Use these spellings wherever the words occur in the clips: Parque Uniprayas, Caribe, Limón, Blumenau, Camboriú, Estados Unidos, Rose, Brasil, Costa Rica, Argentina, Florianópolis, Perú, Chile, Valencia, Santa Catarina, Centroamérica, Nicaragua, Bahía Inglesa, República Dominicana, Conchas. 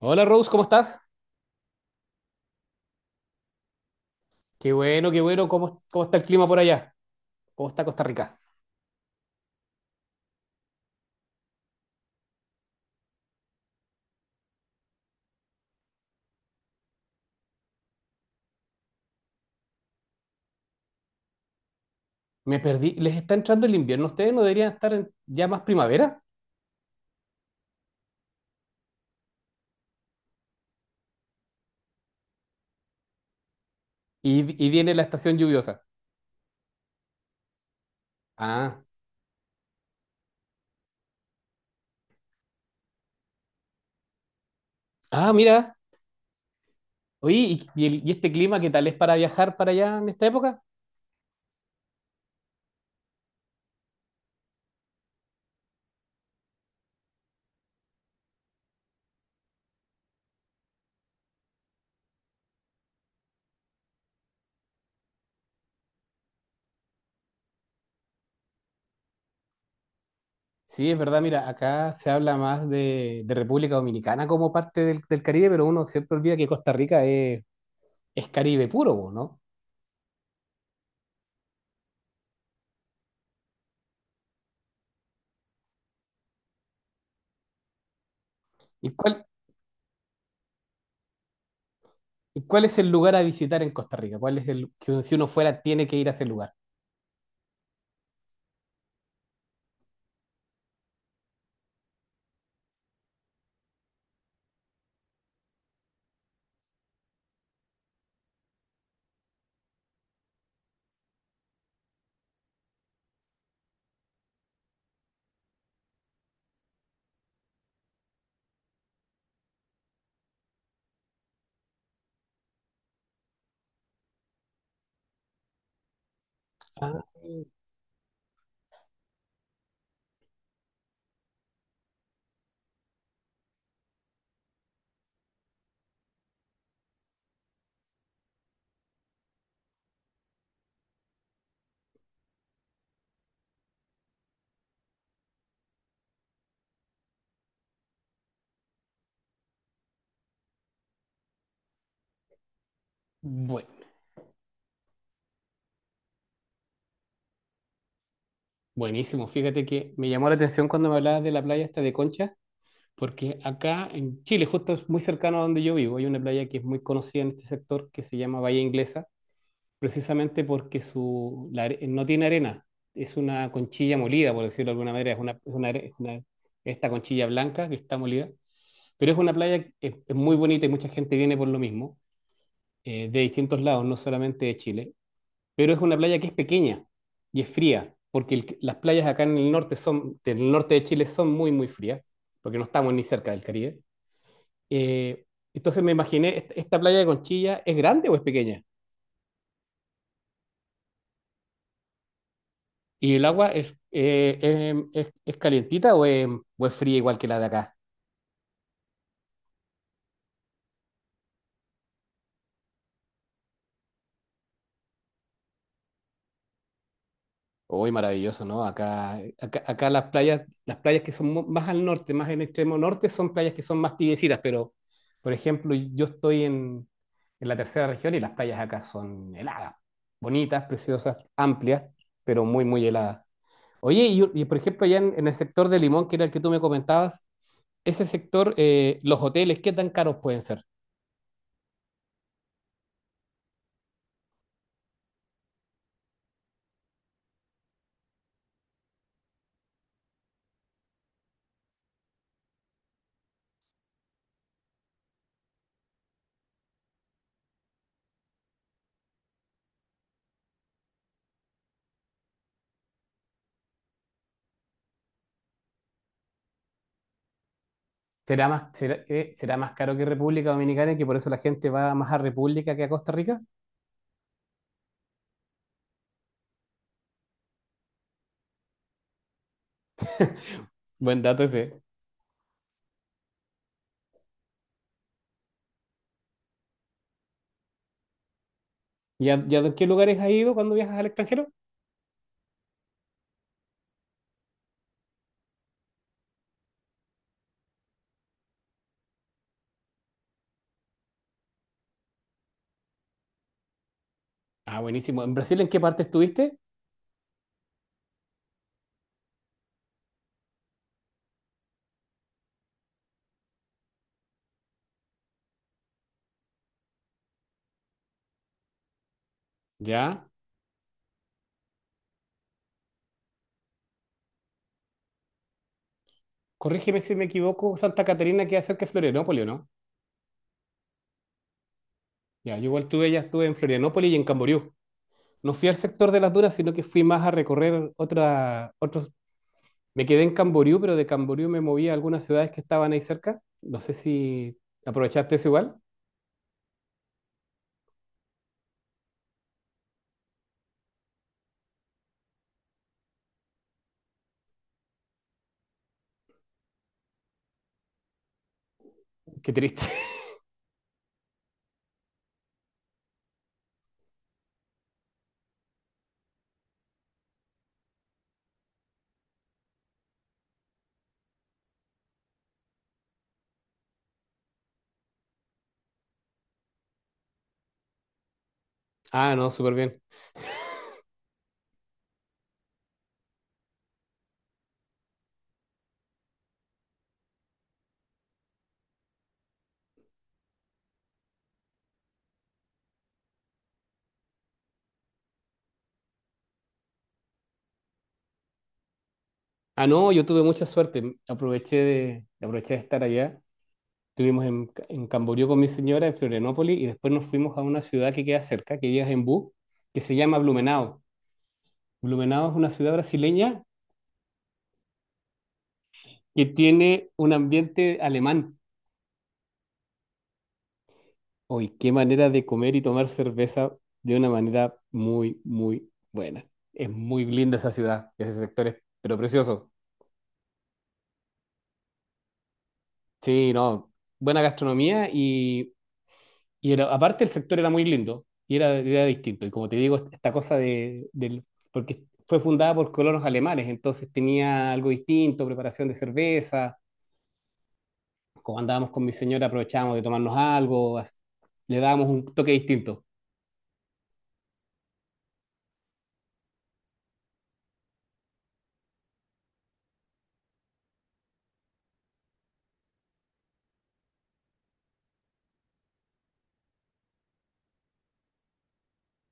Hola Rose, ¿cómo estás? Qué bueno, qué bueno. ¿Cómo está el clima por allá? ¿Cómo está Costa Rica? Me perdí. ¿Les está entrando el invierno a ustedes? ¿No deberían estar ya más primavera? Y viene la estación lluviosa. Ah, ah, mira. Oye, ¿y este clima qué tal es para viajar para allá en esta época? Sí, es verdad, mira, acá se habla más de República Dominicana como parte del Caribe, pero uno siempre olvida que Costa Rica es Caribe puro, ¿no? ¿Y cuál, y cuál es el lugar a visitar en Costa Rica? ¿Cuál es el que si uno fuera tiene que ir a ese lugar? Bueno, buenísimo. Fíjate que me llamó la atención cuando me hablabas de la playa esta de Conchas, porque acá en Chile, justo es muy cercano a donde yo vivo, hay una playa que es muy conocida en este sector que se llama Bahía Inglesa, precisamente porque no tiene arena, es una conchilla molida, por decirlo de alguna manera, es una are- es una- esta conchilla blanca que está molida, pero es una playa que es muy bonita y mucha gente viene por lo mismo, de distintos lados, no solamente de Chile. Pero es una playa que es pequeña y es fría, porque las playas acá en el norte del norte de Chile son muy frías, porque no estamos ni cerca del Caribe. Eh, entonces me imaginé, ¿esta playa de Conchilla es grande o es pequeña? ¿Y el agua es calientita o o es fría igual que la de acá? Uy, maravilloso, ¿no? Acá las playas que son más al norte, más en el extremo norte, son playas que son más tibiecitas, pero, por ejemplo, yo estoy en la tercera región y las playas acá son heladas, bonitas, preciosas, amplias, pero muy heladas. Oye, por ejemplo, allá en el sector de Limón, que era el que tú me comentabas, ese sector, los hoteles, ¿qué tan caros pueden ser? ¿Será más, será más caro que República Dominicana y que por eso la gente va más a República que a Costa Rica? Buen dato ese. ¿Y a qué lugares has ido cuando viajas al extranjero? Ah, buenísimo. ¿En Brasil en qué parte estuviste? Ya. Corrígeme si me equivoco, Santa Catarina queda cerca de Florianópolis, ¿o ¿no? Ya, yo igual estuve, ya estuve en Florianópolis y en Camboriú. No fui al sector de las dunas, sino que fui más a recorrer otros... Me quedé en Camboriú, pero de Camboriú me moví a algunas ciudades que estaban ahí cerca. No sé si aprovechaste eso igual. Qué triste. Ah, no, súper bien. Ah, no, yo tuve mucha suerte. Aproveché de estar allá. Estuvimos en Camboriú con mi señora, en Florianópolis, y después nos fuimos a una ciudad que queda cerca, que ya es en bus, que se llama Blumenau. Blumenau es una ciudad brasileña que tiene un ambiente alemán. Hoy, qué manera de comer y tomar cerveza de una manera muy buena. Es muy linda esa ciudad, ese sector es, pero precioso. Sí, no, buena gastronomía y aparte el sector era muy lindo y era distinto. Y como te digo, esta cosa porque fue fundada por colonos alemanes, entonces tenía algo distinto, preparación de cerveza, como andábamos con mi señora aprovechábamos de tomarnos algo, le dábamos un toque distinto.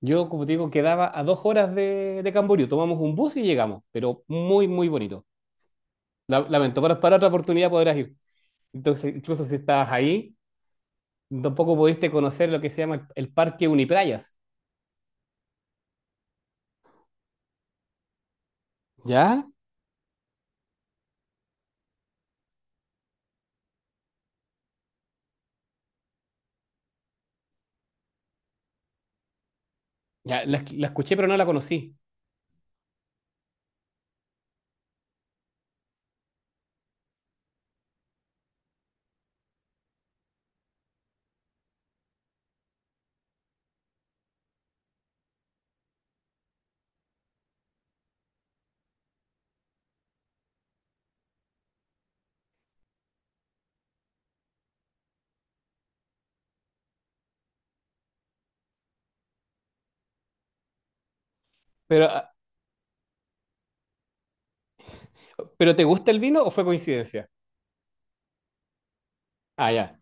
Yo, como te digo, quedaba a dos horas de Camboriú, tomamos un bus y llegamos, pero muy bonito. Lamento, pero para otra oportunidad podrás ir. Entonces, incluso si estabas ahí, tampoco pudiste conocer lo que se llama el Parque Uniprayas. ¿Ya? Ya, la escuché, pero no la conocí. Pero, ah, ¿pero te gusta el vino o fue coincidencia? Ah, ya.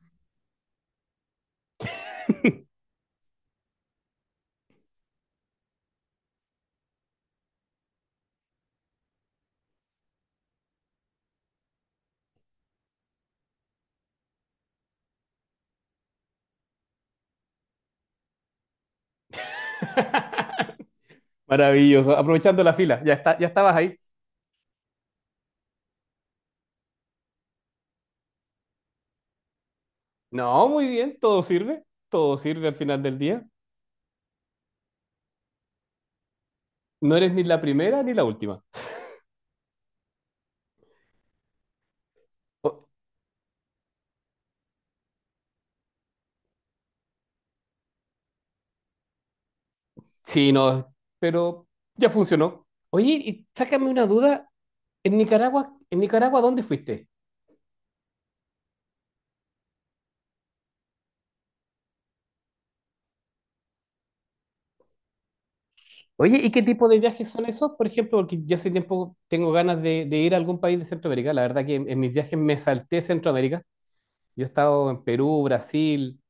Maravilloso. Aprovechando la fila, ya está, ya estabas ahí. No, muy bien, todo sirve al final del día. No eres ni la primera ni la última. O- sí, no, pero ya funcionó. Oye, y sácame una duda. En Nicaragua, ¿dónde fuiste? Oye, ¿y qué tipo de viajes son esos? Por ejemplo, porque yo hace tiempo tengo ganas de ir a algún país de Centroamérica. La verdad que en mis viajes me salté Centroamérica. Yo he estado en Perú, Brasil,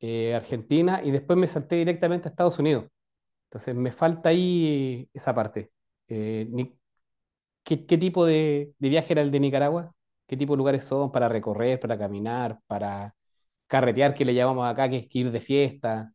Argentina y después me salté directamente a Estados Unidos. Entonces me falta ahí esa parte. Eh, ni- qué tipo de viaje era el de Nicaragua? ¿Qué tipo de lugares son para recorrer, para caminar, para carretear, que le llamamos acá, que es que ir de fiesta?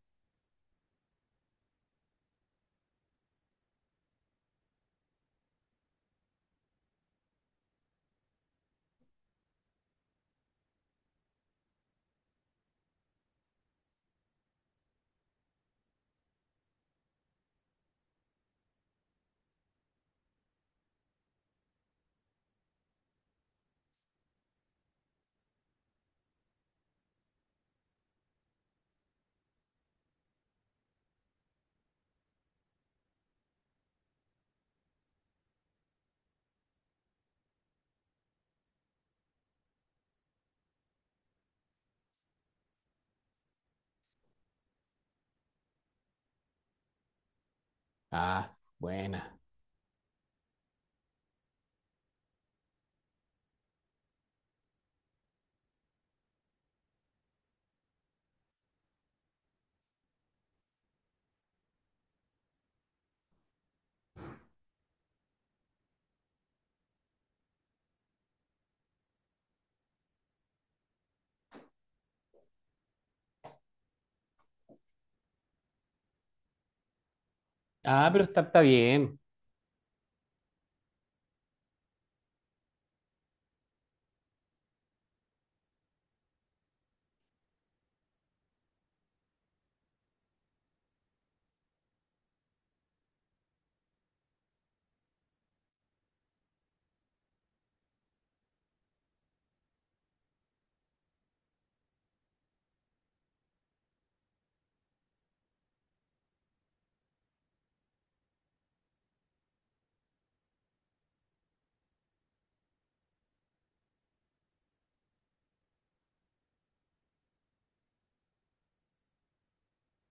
Ah, buena. Ah, pero está, está bien,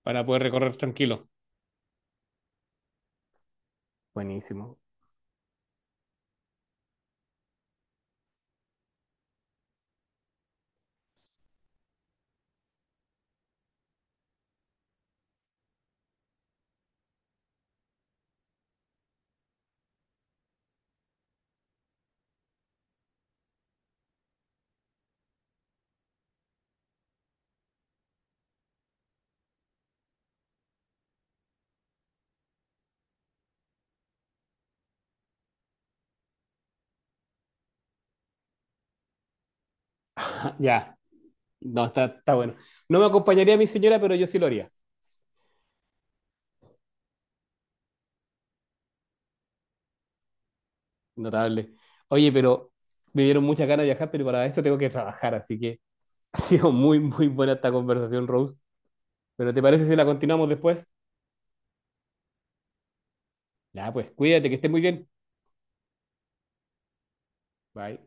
para poder recorrer tranquilo. Buenísimo. Ah, ya, no, está, está bueno. No me acompañaría mi señora, pero yo sí lo haría. Notable. Oye, pero me dieron muchas ganas de viajar, pero para esto tengo que trabajar, así que ha sido muy, muy buena esta conversación, Rose. Pero ¿te parece si la continuamos después? Ya, pues cuídate, que estés muy bien. Bye.